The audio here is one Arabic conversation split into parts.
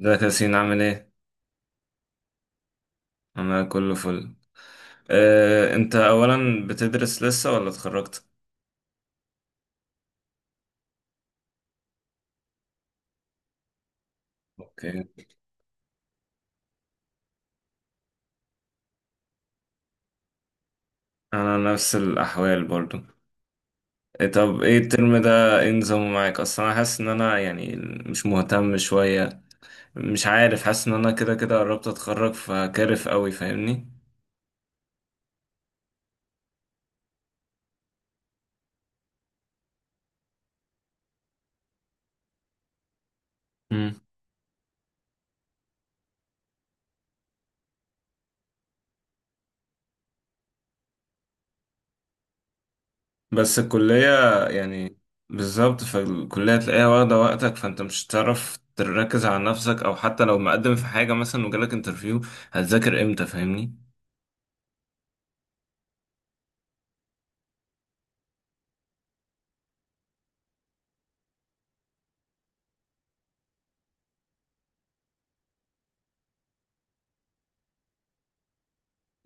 ازيك يا ياسين عامل ايه؟ انا كله فل. انت اولا بتدرس لسه ولا اتخرجت؟ اوكي. انا نفس الاحوال برضو. إيه طب ايه الترم ده ايه نظامه معاك اصلا انا حاسس ان انا يعني مش مهتم شوية. مش عارف حاسس ان انا كده كده قربت اتخرج فكارف قوي فاهمني؟ امم. بس الكلية يعني بالظبط فالكلية تلاقيها واخدة وقتك فانت مش هتعرف تركز على نفسك او حتى لو مقدم في حاجة مثلا وجالك انترفيو هتذاكر امتى فاهمني؟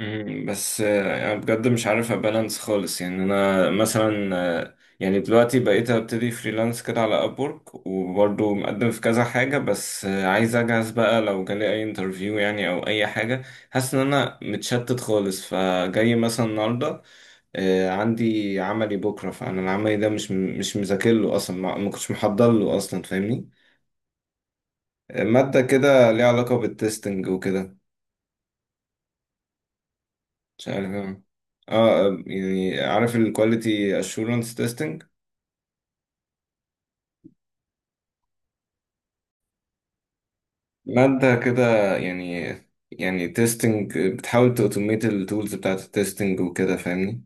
مم، بس يعني بجد مش عارف ابالانس خالص يعني انا مثلا يعني دلوقتي بقيت ابتدي فريلانس كده على ابورك وبرضه مقدم في كذا حاجة بس عايز اجهز بقى لو جالي اي انترفيو يعني او اي حاجة. حاسس ان انا متشتت خالص فجاي مثلا النهاردة عندي عملي بكرة فانا العملي ده مش مذاكر له اصلا ما كنتش محضر له اصلا فاهمني. مادة كده ليها علاقة بالتستنج وكده. مش عارف أوي. اه، يعني عارف الكواليتي اشورنس تيستنج، مادة كده يعني يعني تيستنج بتحاول تأوتوميت التولز بتاعة التيستنج وكده فاهمني.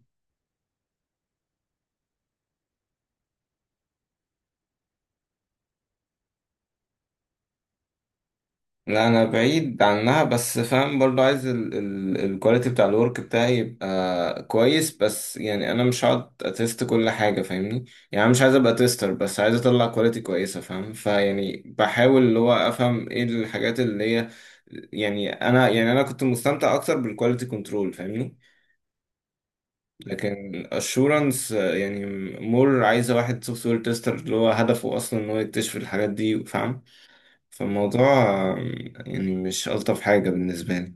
لا انا بعيد عنها بس فاهم برضو عايز الكواليتي بتاع الورك بتاعي يبقى كويس بس يعني انا مش هقعد اتست كل حاجه فاهمني. يعني أنا مش عايز ابقى تيستر بس عايز اطلع كواليتي كويسه فاهم فيعني بحاول اللي هو افهم ايه الحاجات اللي هي يعني انا كنت مستمتع اكتر بالكواليتي كنترول فاهمني. لكن اشورنس يعني مور عايزه واحد سوفت وير تيستر اللي هو هدفه اصلا ان هو يكتشف الحاجات دي فاهم. فالموضوع يعني مش ألطف حاجة بالنسبة لي.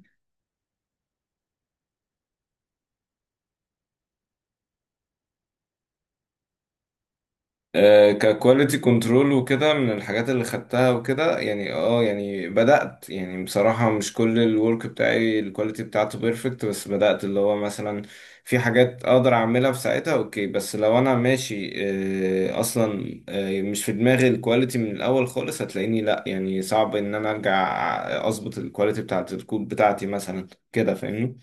ككواليتي كنترول وكده من الحاجات اللي خدتها وكده يعني اه يعني بدأت يعني بصراحة مش كل الورك بتاعي الكواليتي بتاعته بيرفكت بس بدأت اللي هو مثلا في حاجات اقدر اعملها في ساعتها اوكي بس لو انا ماشي اصلا مش في دماغي الكواليتي من الاول خالص هتلاقيني لا يعني صعب ان انا ارجع اظبط الكواليتي بتاعت الكود بتاعتي مثلا كده فاهمني.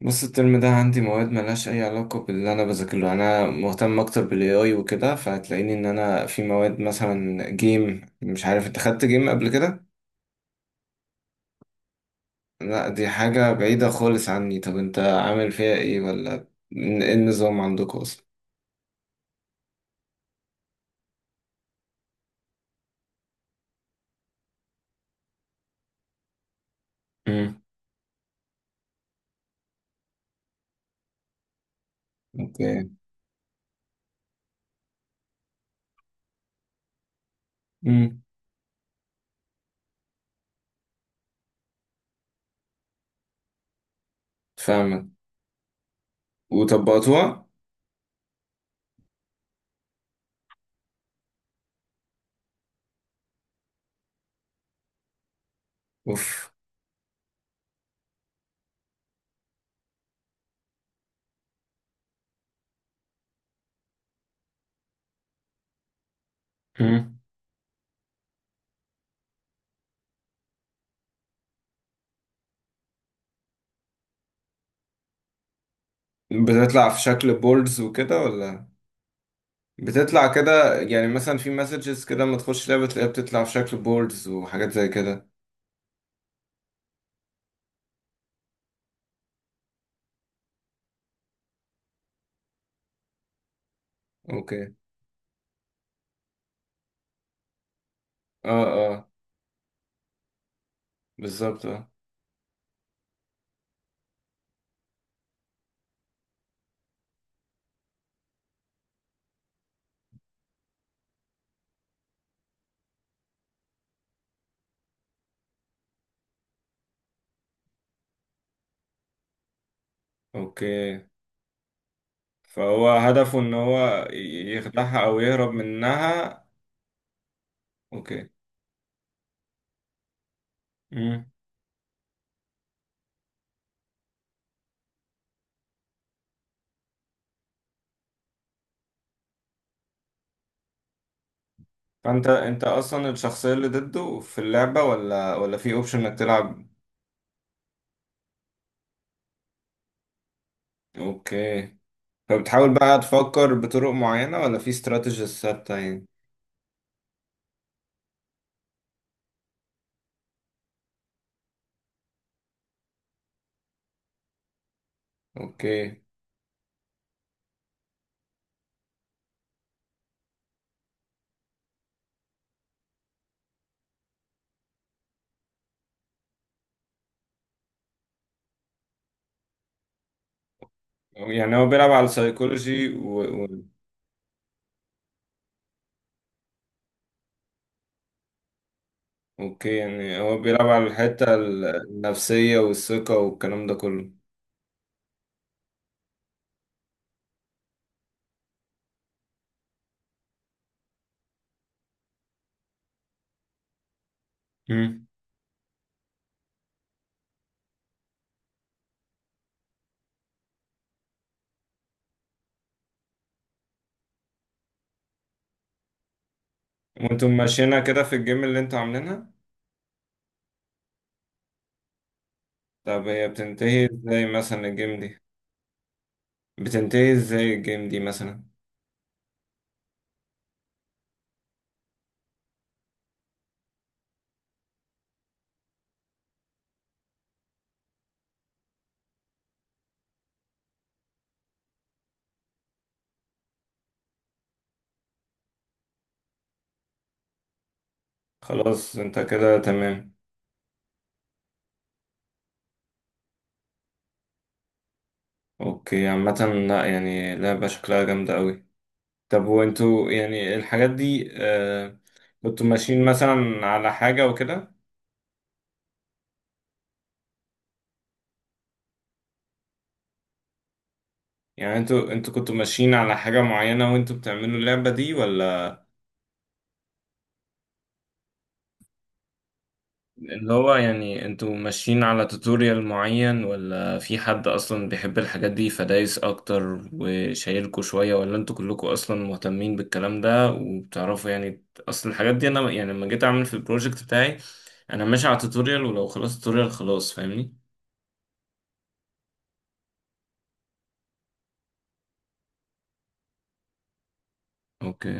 بص الترم ده عندي مواد ملهاش أي علاقة باللي أنا بذاكره، أنا مهتم أكتر بال AI وكده فهتلاقيني إن أنا في مواد مثلا جيم، مش عارف أنت خدت جيم قبل كده؟ لا دي حاجة بعيدة خالص عني، طب أنت عامل فيها إيه ولا إيه النظام عندكم أصلا؟ امم. اوكي. امم. فاهمك. وطبقتوها؟ أوف. امم. بتطلع في شكل بوردز وكده ولا؟ بتطلع كده يعني مثلا في مسجز كده لما تخش لعبة تلاقيها بتطلع في شكل بوردز وحاجات زي كده. اوكي. اه، اه بالظبط اه. اوكي. فهو هدفه ان هو يخدعها او يهرب منها. اوكي. امم. فانت اصلا الشخصية اللي ضده في اللعبة ولا في اوبشن انك تلعب. اوكي. فبتحاول بقى تفكر بطرق معينة ولا في استراتيجيز ثابتة يعني. اوكي. يعني هو بيلعب على السيكولوجي. اوكي، يعني هو بيلعب على الحتة النفسية والثقة والكلام ده كله. امم. وانتم ماشيينها كده في الجيم اللي انتوا عاملينها؟ طب هي بتنتهي ازاي مثلا الجيم دي؟ بتنتهي ازاي الجيم دي مثلا؟ خلاص انت كده تمام. اوكي عامة. لا يعني لعبة شكلها جامدة قوي. طب وانتوا يعني الحاجات دي، كنتوا ماشيين مثلا على حاجة وكده يعني؟ انتوا كنتوا ماشيين على حاجة معينة وانتوا بتعملوا اللعبة دي ولا اللي هو يعني انتوا ماشيين على توتوريال معين ولا في حد اصلا بيحب الحاجات دي فدايس اكتر وشايلكوا شوية ولا انتوا كلكم اصلا مهتمين بالكلام ده وبتعرفوا يعني اصل الحاجات دي؟ انا يعني لما جيت اعمل في البروجكت بتاعي انا ماشي على توتوريال ولو خلاص توتوريال خلاص فاهمني. اوكي.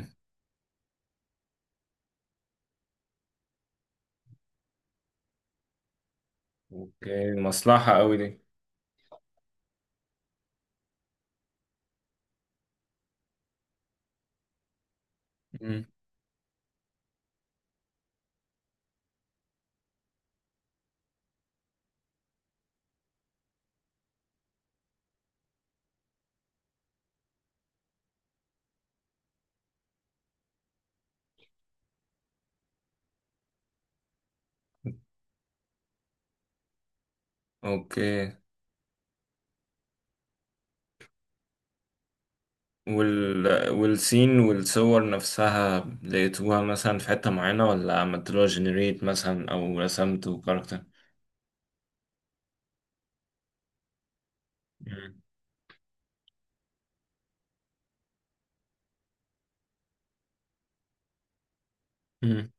اوكي مصلحة قوي دي. مم. اوكي. وال والسين والصور نفسها لقيتوها مثلا في حتة معينة ولا عملتلوها جنريت مثلا او رسمتوا كاركتر؟ مم. مم.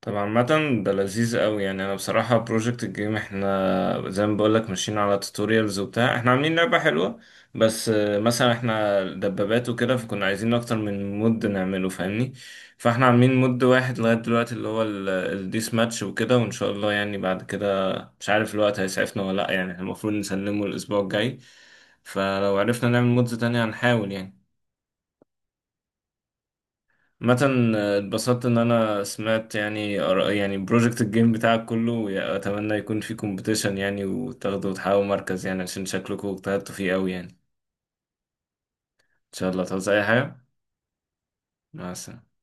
طب عامة ده لذيذ قوي، يعني انا بصراحة بروجكت الجيم احنا زي ما بقولك ماشيين على توتوريالز وبتاع، احنا عاملين لعبة حلوة بس مثلا احنا دبابات وكده فكنا عايزين اكتر من مود نعمله فاهمني. فاحنا عاملين مود واحد لغاية دلوقتي اللي هو الديس ماتش وكده وان شاء الله يعني بعد كده مش عارف الوقت هيسعفنا ولا لا، يعني احنا المفروض نسلمه الاسبوع الجاي فلو عرفنا نعمل مودز تانية هنحاول يعني. مثلا اتبسطت ان انا سمعت يعني يعني بروجكت الجيم بتاعك كله واتمنى يكون في كومبيتيشن يعني وتاخدوا وتحققوا مركز يعني عشان شكلكم اجتهدتوا فيه قوي، يعني ان شاء الله تعوز اي حاجة. مع السلامة.